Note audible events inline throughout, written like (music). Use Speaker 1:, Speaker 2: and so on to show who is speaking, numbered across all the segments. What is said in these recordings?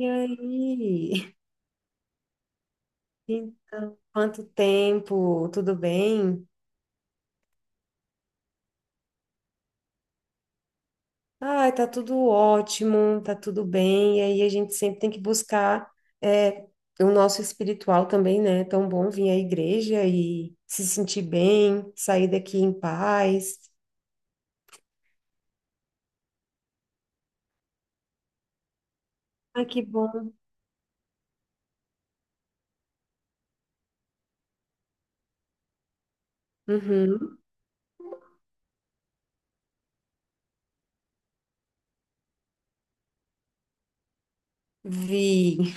Speaker 1: E aí? (laughs) Então, quanto tempo? Tudo bem? Ai, tá tudo ótimo, tá tudo bem. E aí a gente sempre tem que buscar é, o nosso espiritual também, né? É tão bom vir à igreja e se sentir bem, sair daqui em paz. Ai, que bom. Uhum. Vi.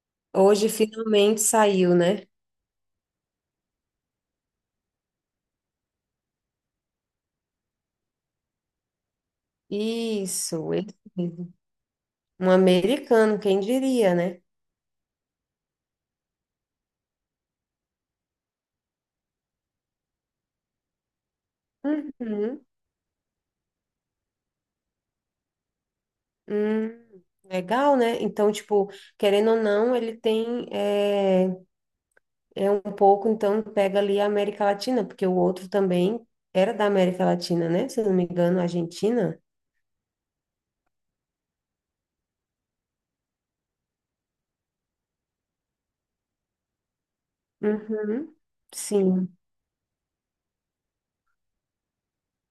Speaker 1: (laughs) Hoje finalmente saiu, né? Isso, ele mesmo. Um americano, quem diria, né? Uhum. Hum, legal, né? Então, tipo, querendo ou não, ele tem é um pouco, então pega ali a América Latina, porque o outro também era da América Latina, né? Se eu não me engano, Argentina. Uhum. Sim,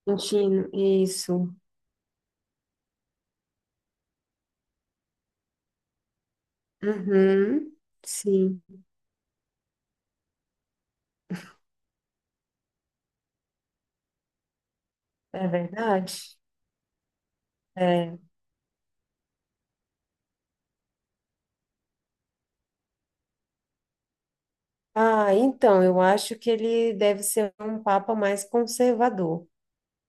Speaker 1: argentino, isso. Uhum. Sim, é verdade. É. Ah, então, eu acho que ele deve ser um papa mais conservador.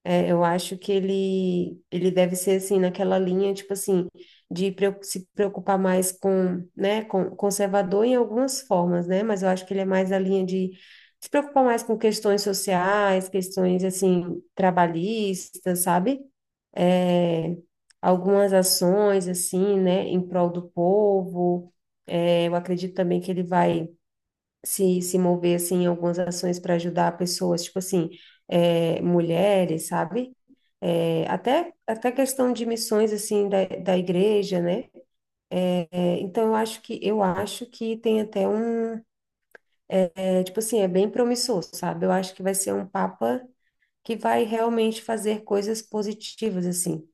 Speaker 1: É, eu acho que ele deve ser assim, naquela linha, tipo assim, se preocupar mais com, né, com conservador em algumas formas, né? Mas eu acho que ele é mais a linha de se preocupar mais com questões sociais, questões assim, trabalhistas, sabe? É, algumas ações assim, né, em prol do povo. É, eu acredito também que ele vai se mover assim em algumas ações para ajudar pessoas, tipo assim, mulheres, sabe? É, até questão de missões assim da igreja, né? É, então eu acho que tem até um é, tipo assim é bem promissor, sabe? Eu acho que vai ser um papa que vai realmente fazer coisas positivas assim.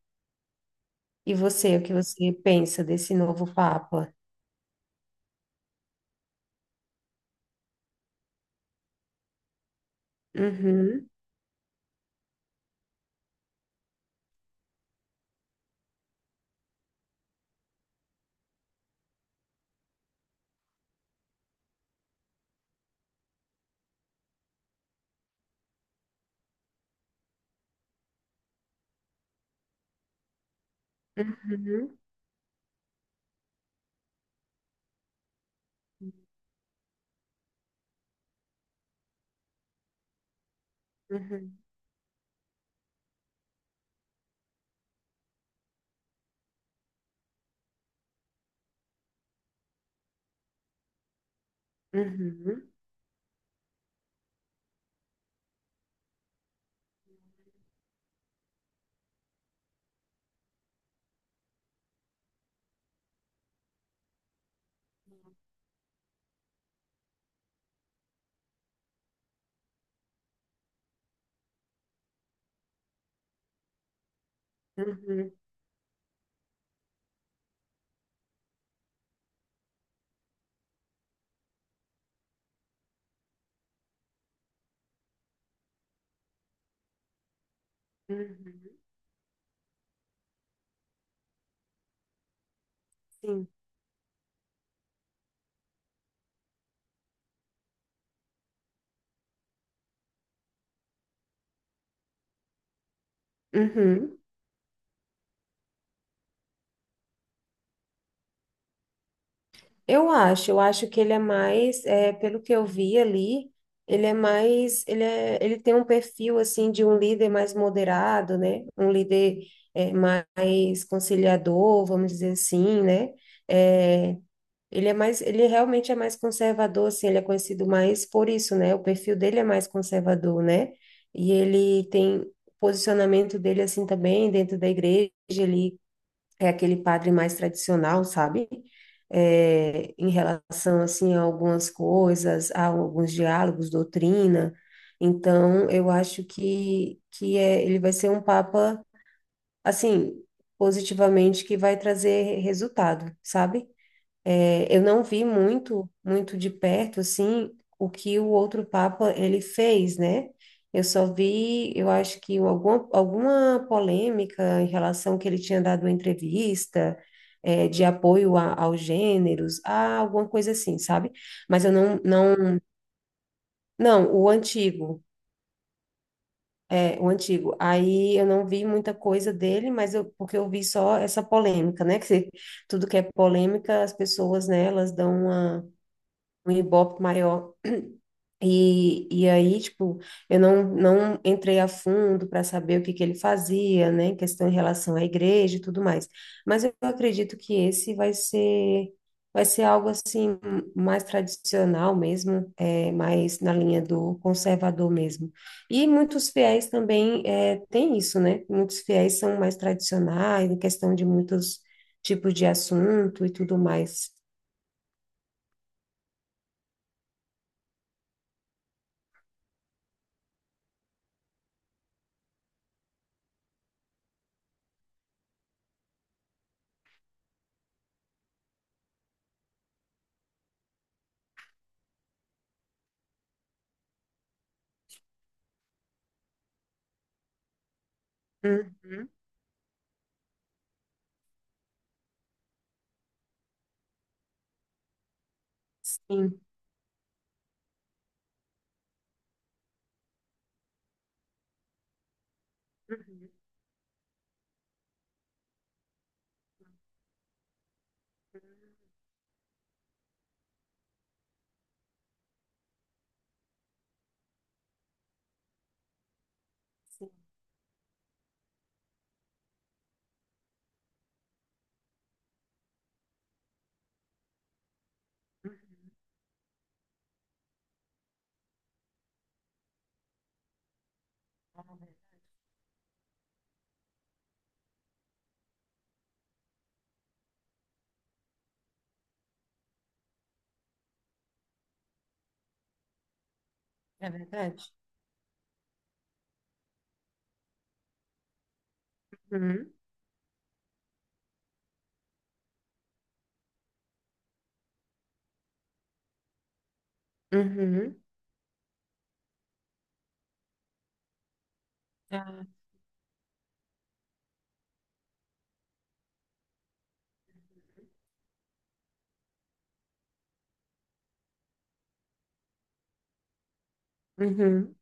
Speaker 1: E você, o que você pensa desse novo papa? Uhum, uhum. Uhum, uhum, uhum, uhum, uhum. Sim. Uhum. Eu acho que ele é mais, é, pelo que eu vi ali, ele é mais, ele é, ele tem um perfil assim de um líder mais moderado, né? Um líder mais conciliador, vamos dizer assim, né? É, ele é mais, ele realmente é mais conservador, assim, ele é conhecido mais por isso, né? O perfil dele é mais conservador, né? E ele tem o posicionamento dele assim também dentro da igreja, ele é aquele padre mais tradicional, sabe? É, em relação assim a algumas coisas, a alguns diálogos, doutrina. Então, eu acho que é, ele vai ser um papa assim, positivamente, que vai trazer resultado, sabe? É, eu não vi muito de perto, assim, o que o outro Papa ele fez, né? Eu só vi, eu acho que alguma polêmica em relação que ele tinha dado uma entrevista, é, aos gêneros, a alguma coisa assim, sabe? Mas eu não, o antigo, é, o antigo. Aí eu não vi muita coisa dele, mas eu, porque eu vi só essa polêmica, né? (laughs) Que se- tudo que é polêmica, as pessoas, né, elas dão uma um ibope maior. E aí, tipo, eu não entrei a fundo para saber o que que ele fazia, né, em questão em relação à igreja e tudo mais. Mas eu acredito que vai ser algo assim mais tradicional mesmo, é, mais na linha do conservador mesmo. E muitos fiéis também é, tem isso, né? Muitos fiéis são mais tradicionais em questão de muitos tipos de assunto e tudo mais. Uhum, sim. Uhum, sim. Uhum. É verdade. Uhum. Uhum. Ah, uhum.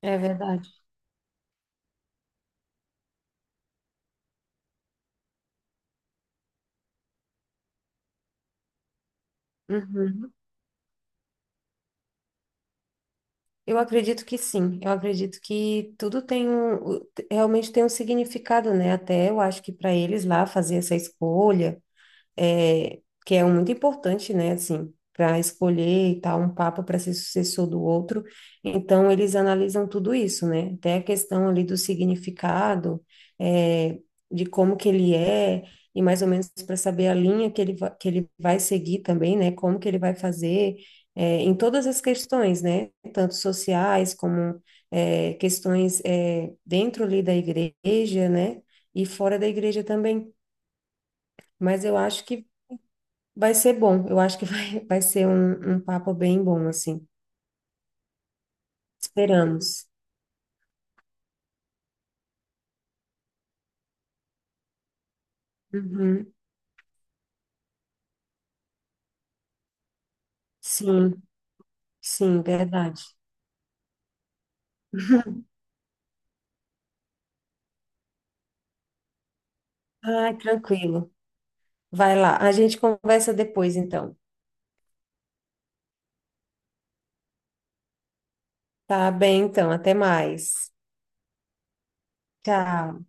Speaker 1: É verdade. Uhum. Eu acredito que sim. Eu acredito que tudo tem um, o- realmente tem um significado, né? Até eu acho que para eles lá fazer essa escolha. É, que é muito importante, né, assim, para escolher e tal, um papa para ser sucessor do outro. Então, eles analisam tudo isso, né? Até a questão ali do significado, é, de como que ele é, e mais ou menos para saber a linha que va- que ele vai seguir também, né? Como que ele vai fazer, é, em todas as questões, né? Tanto sociais como é, questões é, dentro ali da igreja, né? E fora da igreja também. Mas eu acho que vai ser bom, eu acho que vai, (laughs) vai ser um papo bem bom, assim. Esperamos. Uhum. Sim, sim, verdade. Ai, tranquilo. Vai lá, a gente conversa depois, então. Tá bem, então, até mais. Tchau.